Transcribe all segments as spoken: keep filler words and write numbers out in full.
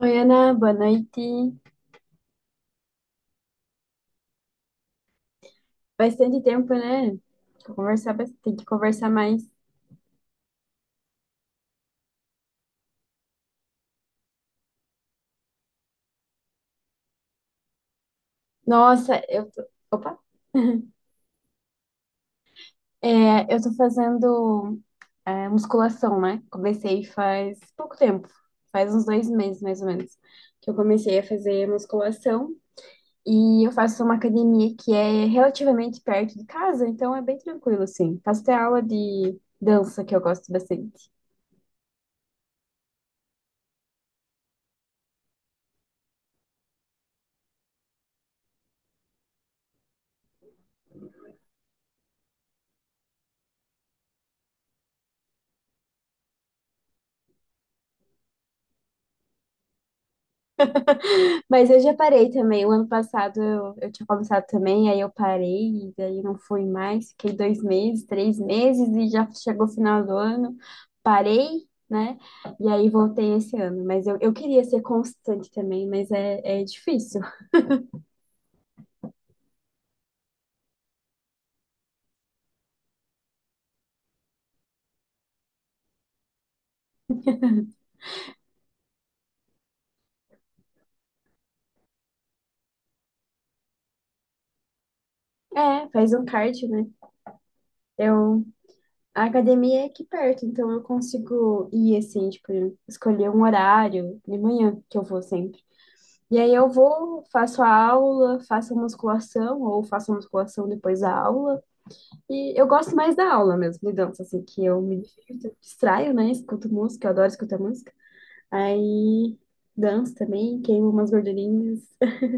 Oi, Ana, boa noite. Bastante tempo, né? Conversar bas- tem que conversar mais. Nossa, eu tô... Opa! É, eu tô fazendo é, musculação, né? Comecei faz pouco tempo, faz uns dois meses, mais ou menos, que eu comecei a fazer musculação. E eu faço uma academia que é relativamente perto de casa, então é bem tranquilo, assim. Faço até aula de dança, que eu gosto bastante. Mas eu já parei também. O ano passado eu, eu tinha começado também, aí eu parei, e daí não fui mais. Fiquei dois meses, três meses, e já chegou o final do ano. Parei, né? E aí voltei esse ano. Mas eu, eu queria ser constante também, mas é, é difícil. É, faz um cardio, né? Eu, a academia é aqui perto, então eu consigo ir assim, tipo, escolher um horário de manhã que eu vou sempre. E aí eu vou, faço a aula, faço a musculação, ou faço a musculação depois da aula. E eu gosto mais da aula mesmo, de dança, assim, que eu me divirto, eu distraio, né? Escuto música, eu adoro escutar música. Aí danço também, queimo umas gordurinhas.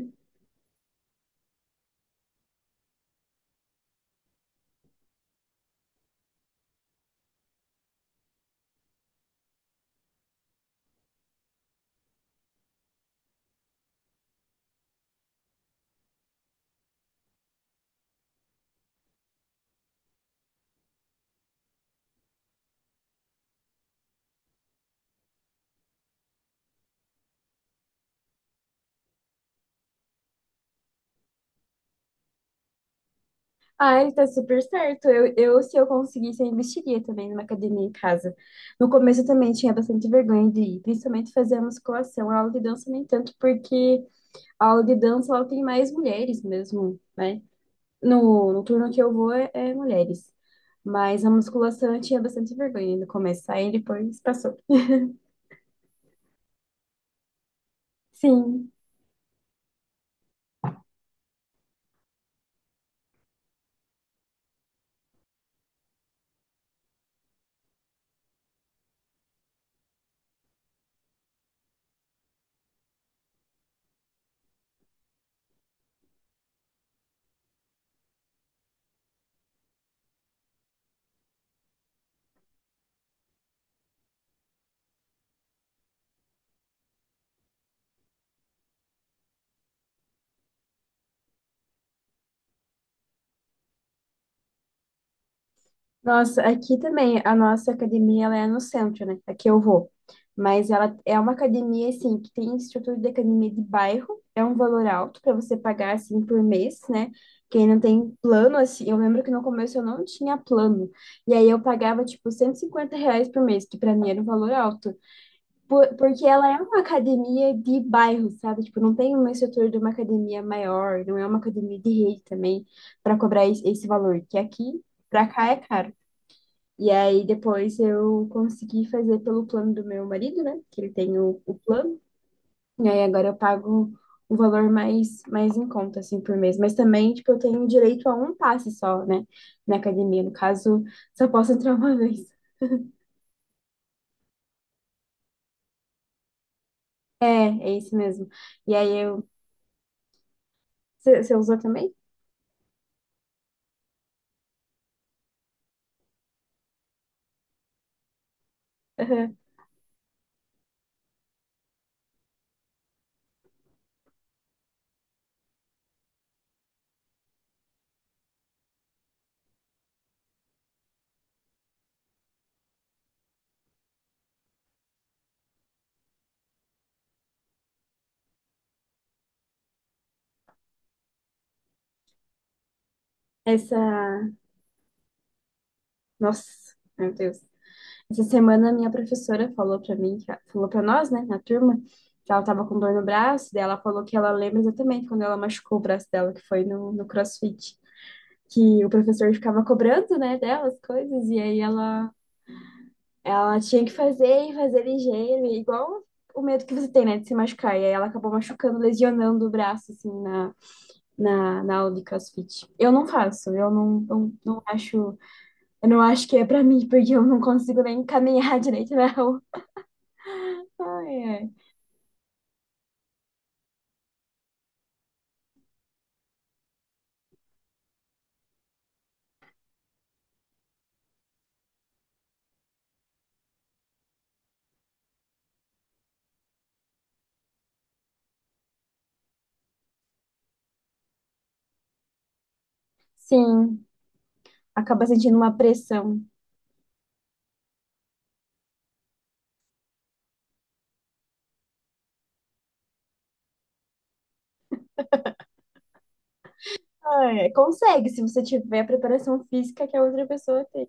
Ai, tá super certo. Eu, eu, se eu conseguisse, eu investiria também numa academia em casa. No começo eu também tinha bastante vergonha de ir, principalmente fazer a musculação. A aula de dança nem tanto, porque a aula de dança ela tem mais mulheres mesmo, né? No, no turno que eu vou é, é mulheres. Mas a musculação eu tinha bastante vergonha no começo, aí depois passou. Sim. Nossa, aqui também, a nossa academia, ela é no centro, né? Aqui eu vou. Mas ela é uma academia, assim, que tem estrutura de academia de bairro. É um valor alto para você pagar, assim, por mês, né? Quem não tem plano, assim... Eu lembro que no começo eu não tinha plano. E aí eu pagava, tipo, cento e cinquenta reais por mês, que para mim era um valor alto. Por- Porque ela é uma academia de bairro, sabe? Tipo, não tem uma estrutura de uma academia maior, não é uma academia de rede também para cobrar es- esse valor, que aqui para cá é caro. E aí depois eu consegui fazer pelo plano do meu marido, né? Que ele tem o, o plano. E aí agora eu pago o valor mais mais em conta assim por mês, mas também tipo eu tenho direito a um passe só, né, na academia. No caso, só posso entrar uma vez. É, é isso mesmo. E aí eu você você usou também? Essa, nossa, meu Deus. Essa semana a minha professora falou pra mim, que- falou pra nós, né, na turma, que ela tava com dor no braço, daí ela falou que ela lembra exatamente quando ela machucou o braço dela, que foi no, no CrossFit, que o professor ficava cobrando, né, dela as coisas, e aí ela, ela tinha que fazer e fazer ligeiro, e igual o medo que você tem, né, de se machucar, e aí ela acabou machucando, lesionando o braço, assim, na, na, na aula de CrossFit. Eu não faço, eu não, não, não acho. Eu não acho que é pra mim, porque eu não consigo nem caminhar direito na rua. Ai, ai. Sim, acaba sentindo uma pressão. Ai, ai. consegue, se você tiver a preparação física que a outra pessoa tem.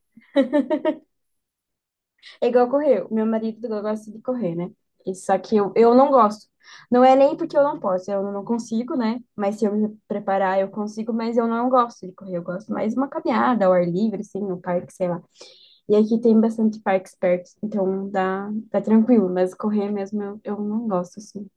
É igual correr. O meu marido gosta de correr, né? E Só que eu, eu não gosto. Não é nem porque eu não posso, eu não consigo, né? Mas se eu me preparar, eu consigo, mas eu não gosto de correr. Eu gosto mais de uma caminhada ao ar livre, assim, no parque, sei lá. E aqui tem bastante parques perto, então dá, dá tranquilo, mas correr mesmo eu, eu não gosto, assim.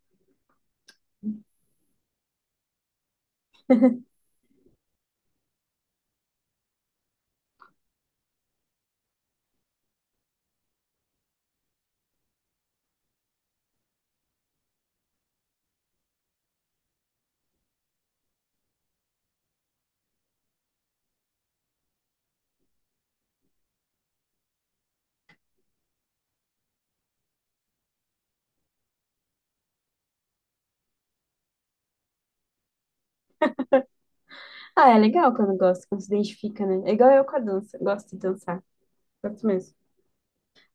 Ah, é legal quando gosta, quando se identifica, né? É igual eu com a dança, gosto de dançar, gosto mesmo.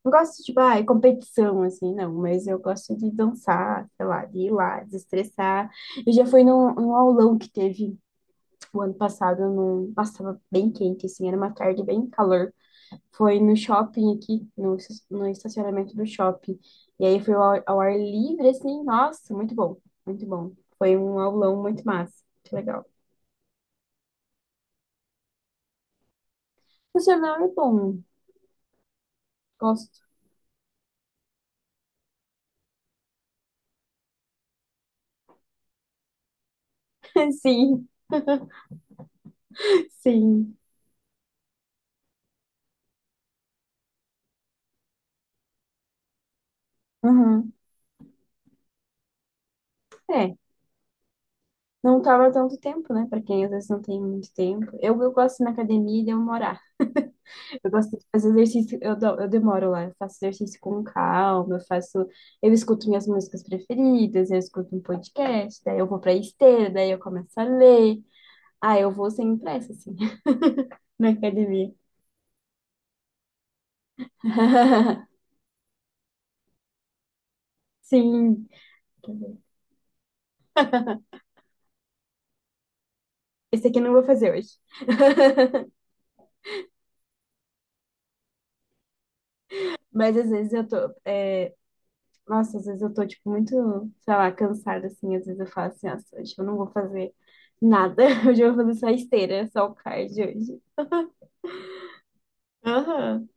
Não gosto, tipo, ah, é competição, assim, não, mas eu gosto de dançar, sei lá, de ir lá, desestressar. Eu já fui num, num aulão que teve o ano passado, num... nossa, tava bem quente, assim, era uma tarde bem calor. Foi no shopping aqui, no, es- no estacionamento do shopping. E aí foi ao, ar ao ar livre, assim, nossa, muito bom, muito bom. Foi um aulão muito massa, muito legal. Funcional é bom, gosto. Sim, sim. Uhum. É, não tava tanto tempo, né? Pra quem às vezes não tem muito tempo. Eu, eu gosto na academia e deu uma Eu gosto de fazer exercício, eu, do- eu demoro lá, eu faço exercício com calma, eu faço, eu escuto minhas músicas preferidas, eu escuto um podcast, daí eu vou pra esteira, daí eu começo a ler. Ah, eu vou sem pressa, assim, na academia. Sim. Esse aqui eu não vou fazer hoje. Mas às vezes eu tô, é, nossa, às vezes eu tô, tipo, muito, sei lá, cansada, assim, às vezes eu falo assim, nossa, hoje eu não vou fazer nada, hoje eu vou fazer só esteira, só o cardio hoje. Aham.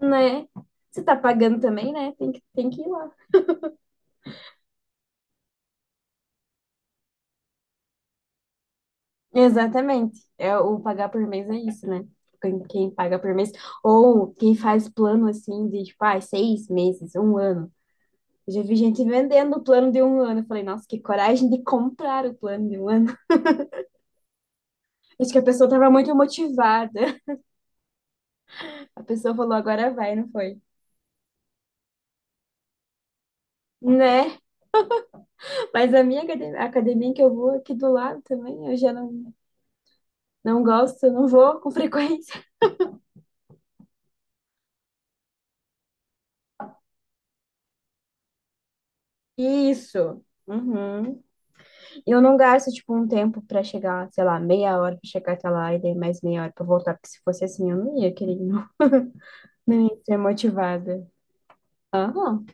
Né? Você tá pagando também, né? Tem que, tem que, ir lá. Exatamente. É, o pagar por mês é isso, né? Quem, quem paga por mês. Ou quem faz plano assim de tipo, ah, seis meses, um ano. Eu já vi gente vendendo o plano de um ano. Eu falei, nossa, que coragem de comprar o plano de um ano. Acho que a pessoa tava muito motivada. A pessoa falou, agora vai, não foi? Né? Mas a minha acade- a academia que eu vou aqui do lado também, eu já não, não gosto, não vou com frequência. Isso. Uhum. Eu não gasto, tipo, um tempo pra chegar, sei lá, meia hora pra chegar até lá e daí mais meia hora pra voltar, porque se fosse assim eu não ia, querido. Não ia ser motivada. Aham.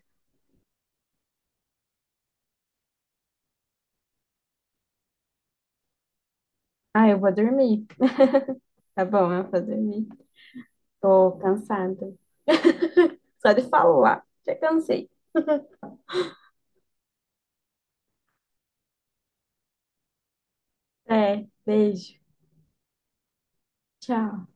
Ah, eu vou dormir. Tá bom, eu vou dormir. Tô cansada. Só de falar. Já cansei. É, beijo. Tchau.